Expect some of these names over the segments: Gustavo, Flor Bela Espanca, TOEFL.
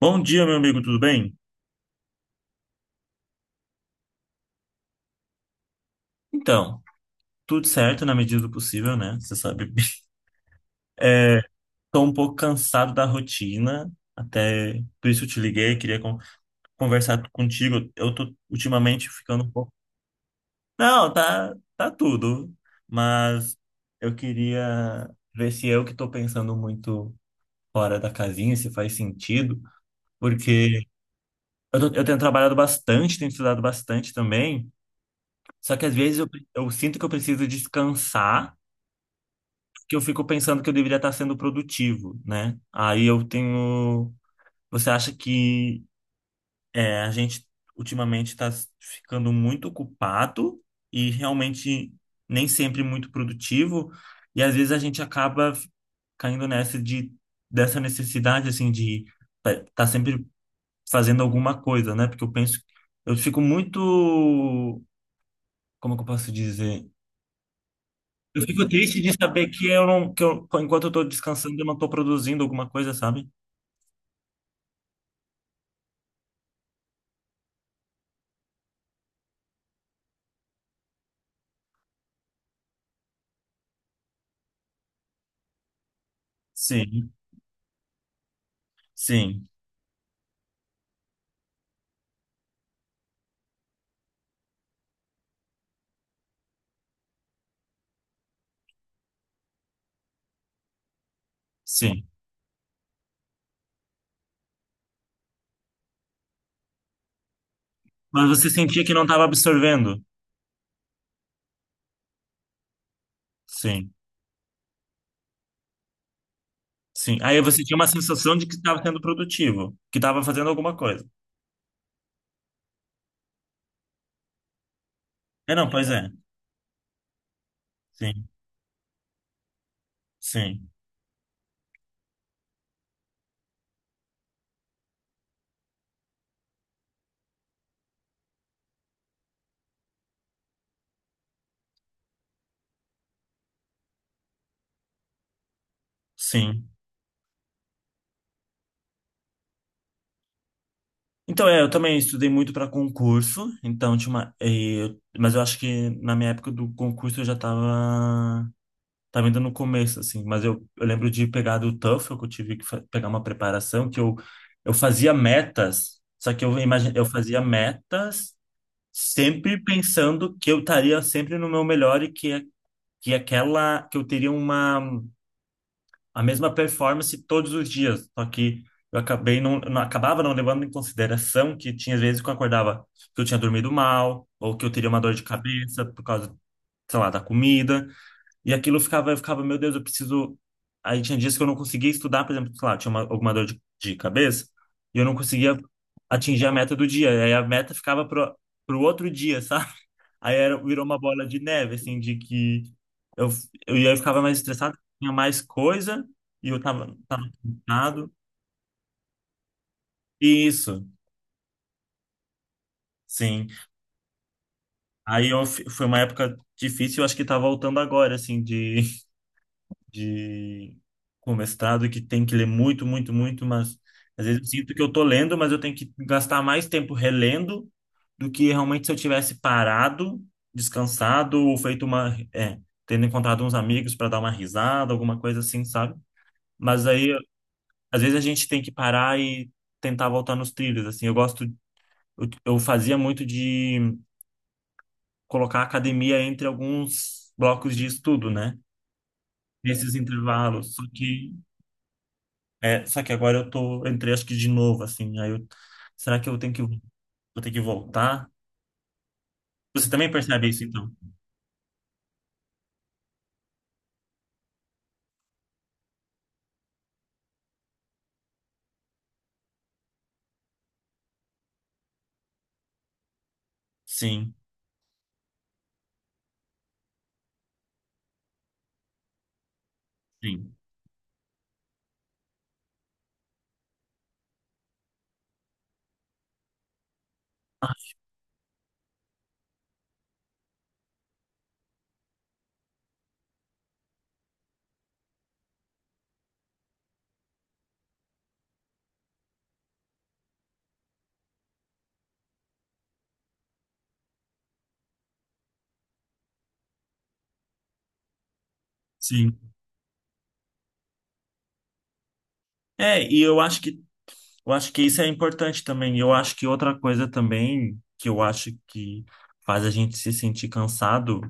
Bom dia, meu amigo, tudo bem? Então, tudo certo na medida do possível, né? Você sabe. É, tô um pouco cansado da rotina, até por isso eu te liguei, queria conversar contigo. Eu tô ultimamente ficando um pouco. Não, tá tudo, mas eu queria ver se eu que tô pensando muito fora da casinha, se faz sentido, porque eu tenho trabalhado bastante, tenho estudado bastante também, só que às vezes eu sinto que eu preciso descansar que eu fico pensando que eu deveria estar sendo produtivo, né? Aí eu tenho. Você acha que é, a gente ultimamente está ficando muito ocupado e realmente nem sempre muito produtivo, e às vezes a gente acaba caindo nessa de dessa necessidade assim de estar tá sempre fazendo alguma coisa, né? Porque eu penso, eu fico muito, como que eu posso dizer? Eu fico triste de saber que eu não, que eu, enquanto eu tô descansando, eu não tô produzindo alguma coisa, sabe? Sim, sim, sim. Mas você sentia que não estava absorvendo? Sim, sim. Aí você tinha uma sensação de que estava sendo produtivo, que estava fazendo alguma coisa. É, não, pois é. Sim, sim, sim. Então, é, eu também estudei muito para concurso, então tinha uma, mas eu acho que na minha época do concurso eu já estava. Tava ainda no começo, assim, mas eu lembro de pegar do TOEFL, que eu tive que pegar uma preparação, eu fazia metas, só que eu fazia metas sempre pensando que eu estaria sempre no meu melhor e que, que aquela, que eu teria uma, a mesma performance todos os dias, só que eu acabei não acabava não levando em consideração que tinha vezes que eu acordava que eu tinha dormido mal, ou que eu teria uma dor de cabeça por causa, sei lá, da comida, e aquilo eu ficava, meu Deus, eu preciso. Aí tinha dias que eu não conseguia estudar, por exemplo, sei lá, tinha uma, alguma dor de cabeça, e eu não conseguia atingir a meta do dia. Aí a meta ficava pro outro dia, sabe? Aí era, virou uma bola de neve, assim, de que eu, e aí eu ficava mais estressado, tinha mais coisa, e eu tava cansado. Isso, sim. Aí eu, foi uma época difícil, eu acho que tá voltando agora, assim, de. De com mestrado que tem que ler muito, muito, muito, mas às vezes eu sinto que eu tô lendo, mas eu tenho que gastar mais tempo relendo do que realmente se eu tivesse parado, descansado ou feito uma, é, tendo encontrado uns amigos para dar uma risada, alguma coisa assim, sabe? Mas aí às vezes a gente tem que parar e tentar voltar nos trilhos, assim. Eu fazia muito de colocar a academia entre alguns blocos de estudo, né? Nesses intervalos, só que é, só que agora eu tô, eu entrei acho que de novo, assim, aí eu, será que eu tenho que, vou ter que voltar? Você também percebe isso, então? Sim, sim. Ah, sim. É, e eu acho que isso é importante também. Eu acho que outra coisa também que eu acho que faz a gente se sentir cansado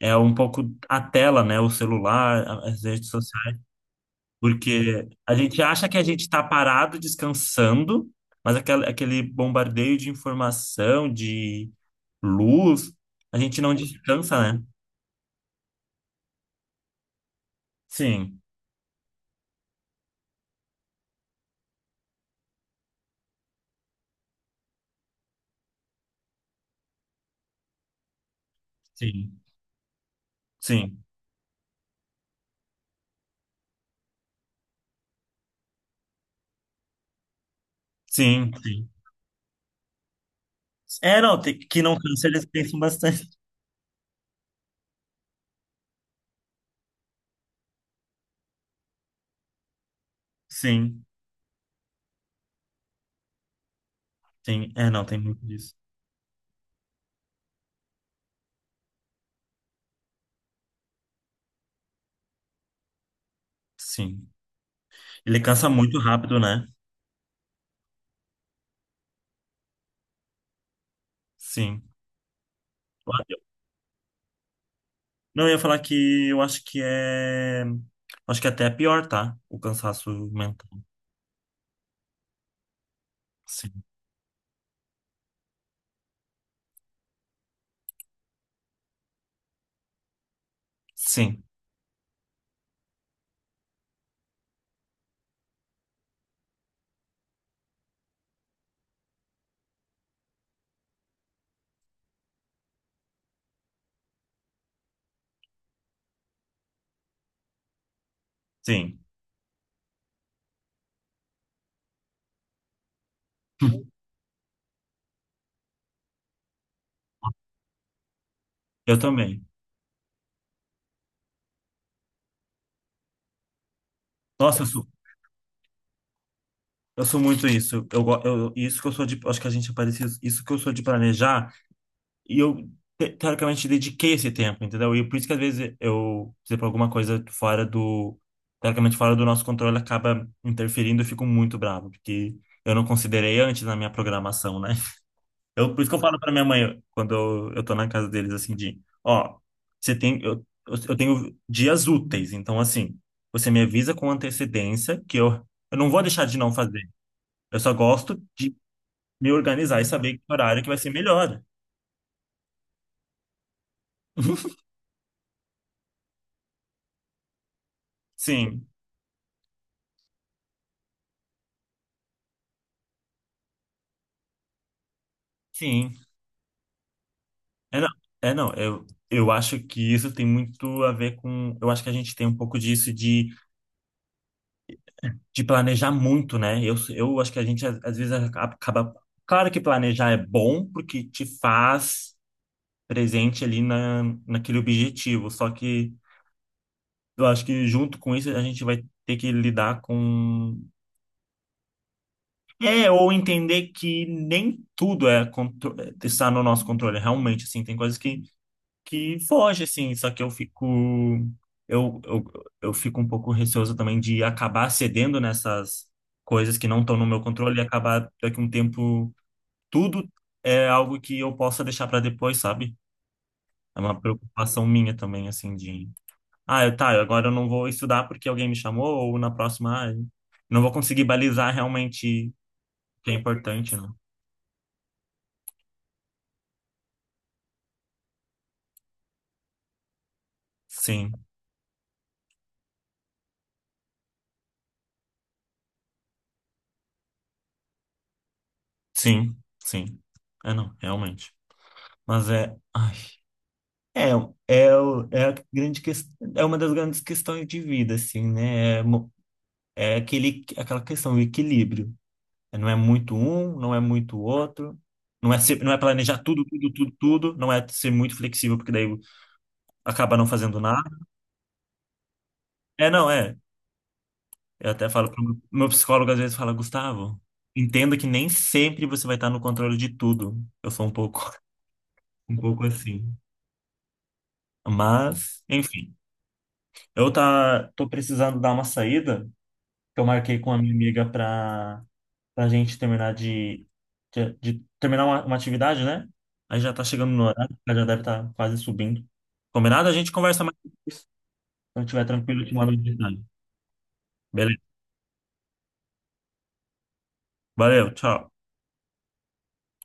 é um pouco a tela, né? O celular, as redes sociais. Porque a gente acha que a gente está parado, descansando, mas aquele bombardeio de informação, de luz, a gente não descansa, né? Sim, sim, sim, sim, sim. É, não, que não cansa, eles pensam bastante. Sim, sim, é, não, tem muito disso. Sim. Ele cansa muito rápido, né? Sim. Olha, não, eu ia falar que eu acho que é. Acho que até é pior, tá? O cansaço mental. Sim, sim, sim. Eu também. Nossa, eu sou, eu sou muito isso. Isso que eu sou de. Acho que a gente é parecido. Isso que eu sou de planejar. E eu, teoricamente, dediquei esse tempo, entendeu? E por isso que, às vezes, eu, se por exemplo, alguma coisa fora do, teoricamente, fora do nosso controle acaba interferindo, eu fico muito bravo, porque eu não considerei antes na minha programação, né? Eu, por isso que eu falo pra minha mãe, quando eu tô na casa deles, assim, de, ó, você tem, eu tenho dias úteis, então, assim, você me avisa com antecedência eu não vou deixar de não fazer. Eu só gosto de me organizar e saber que horário que vai ser melhor. Sim, sim. É, não, é, não, eu acho que isso tem muito a ver com. Eu acho que a gente tem um pouco disso de planejar muito, né? Eu acho que a gente, às, às vezes, acaba. Claro que planejar é bom, porque te faz presente ali naquele objetivo. Só que eu acho que, junto com isso, a gente vai ter que lidar com. É, ou entender que nem tudo é é, está no nosso controle. Realmente, assim, tem coisas que foge, assim, só que eu fico. Eu, eu, eu fico um pouco receoso também de acabar cedendo nessas coisas que não estão no meu controle e acabar daqui a um tempo. Tudo é algo que eu possa deixar para depois, sabe? É uma preocupação minha também, assim, de. Tá, agora eu não vou estudar porque alguém me chamou, ou na próxima, ah, eu não vou conseguir balizar realmente o que é importante, não. Sim, sim, sim. É, não, realmente. Mas é. Ai. É, é, é a grande é uma das grandes questões de vida, assim, né? É aquele, aquela questão, o equilíbrio. Não é muito um, não é muito outro, não é ser, não é planejar tudo, tudo, tudo, tudo, não é ser muito flexível, porque daí acaba não fazendo nada. É, não, é. Eu até falo pro meu psicólogo, às vezes, fala, Gustavo, entenda que nem sempre você vai estar no controle de tudo. Eu sou um pouco, um pouco assim. Mas, enfim, eu tá, tô precisando dar uma saída. Que eu marquei com a minha amiga para a gente terminar de, de terminar uma atividade, né? Aí já tá chegando no horário, ela já deve estar quase subindo. Combinado? A gente conversa mais depois. Quando estiver tranquilo, eu te mando mensagem. Beleza. Valeu, tchau.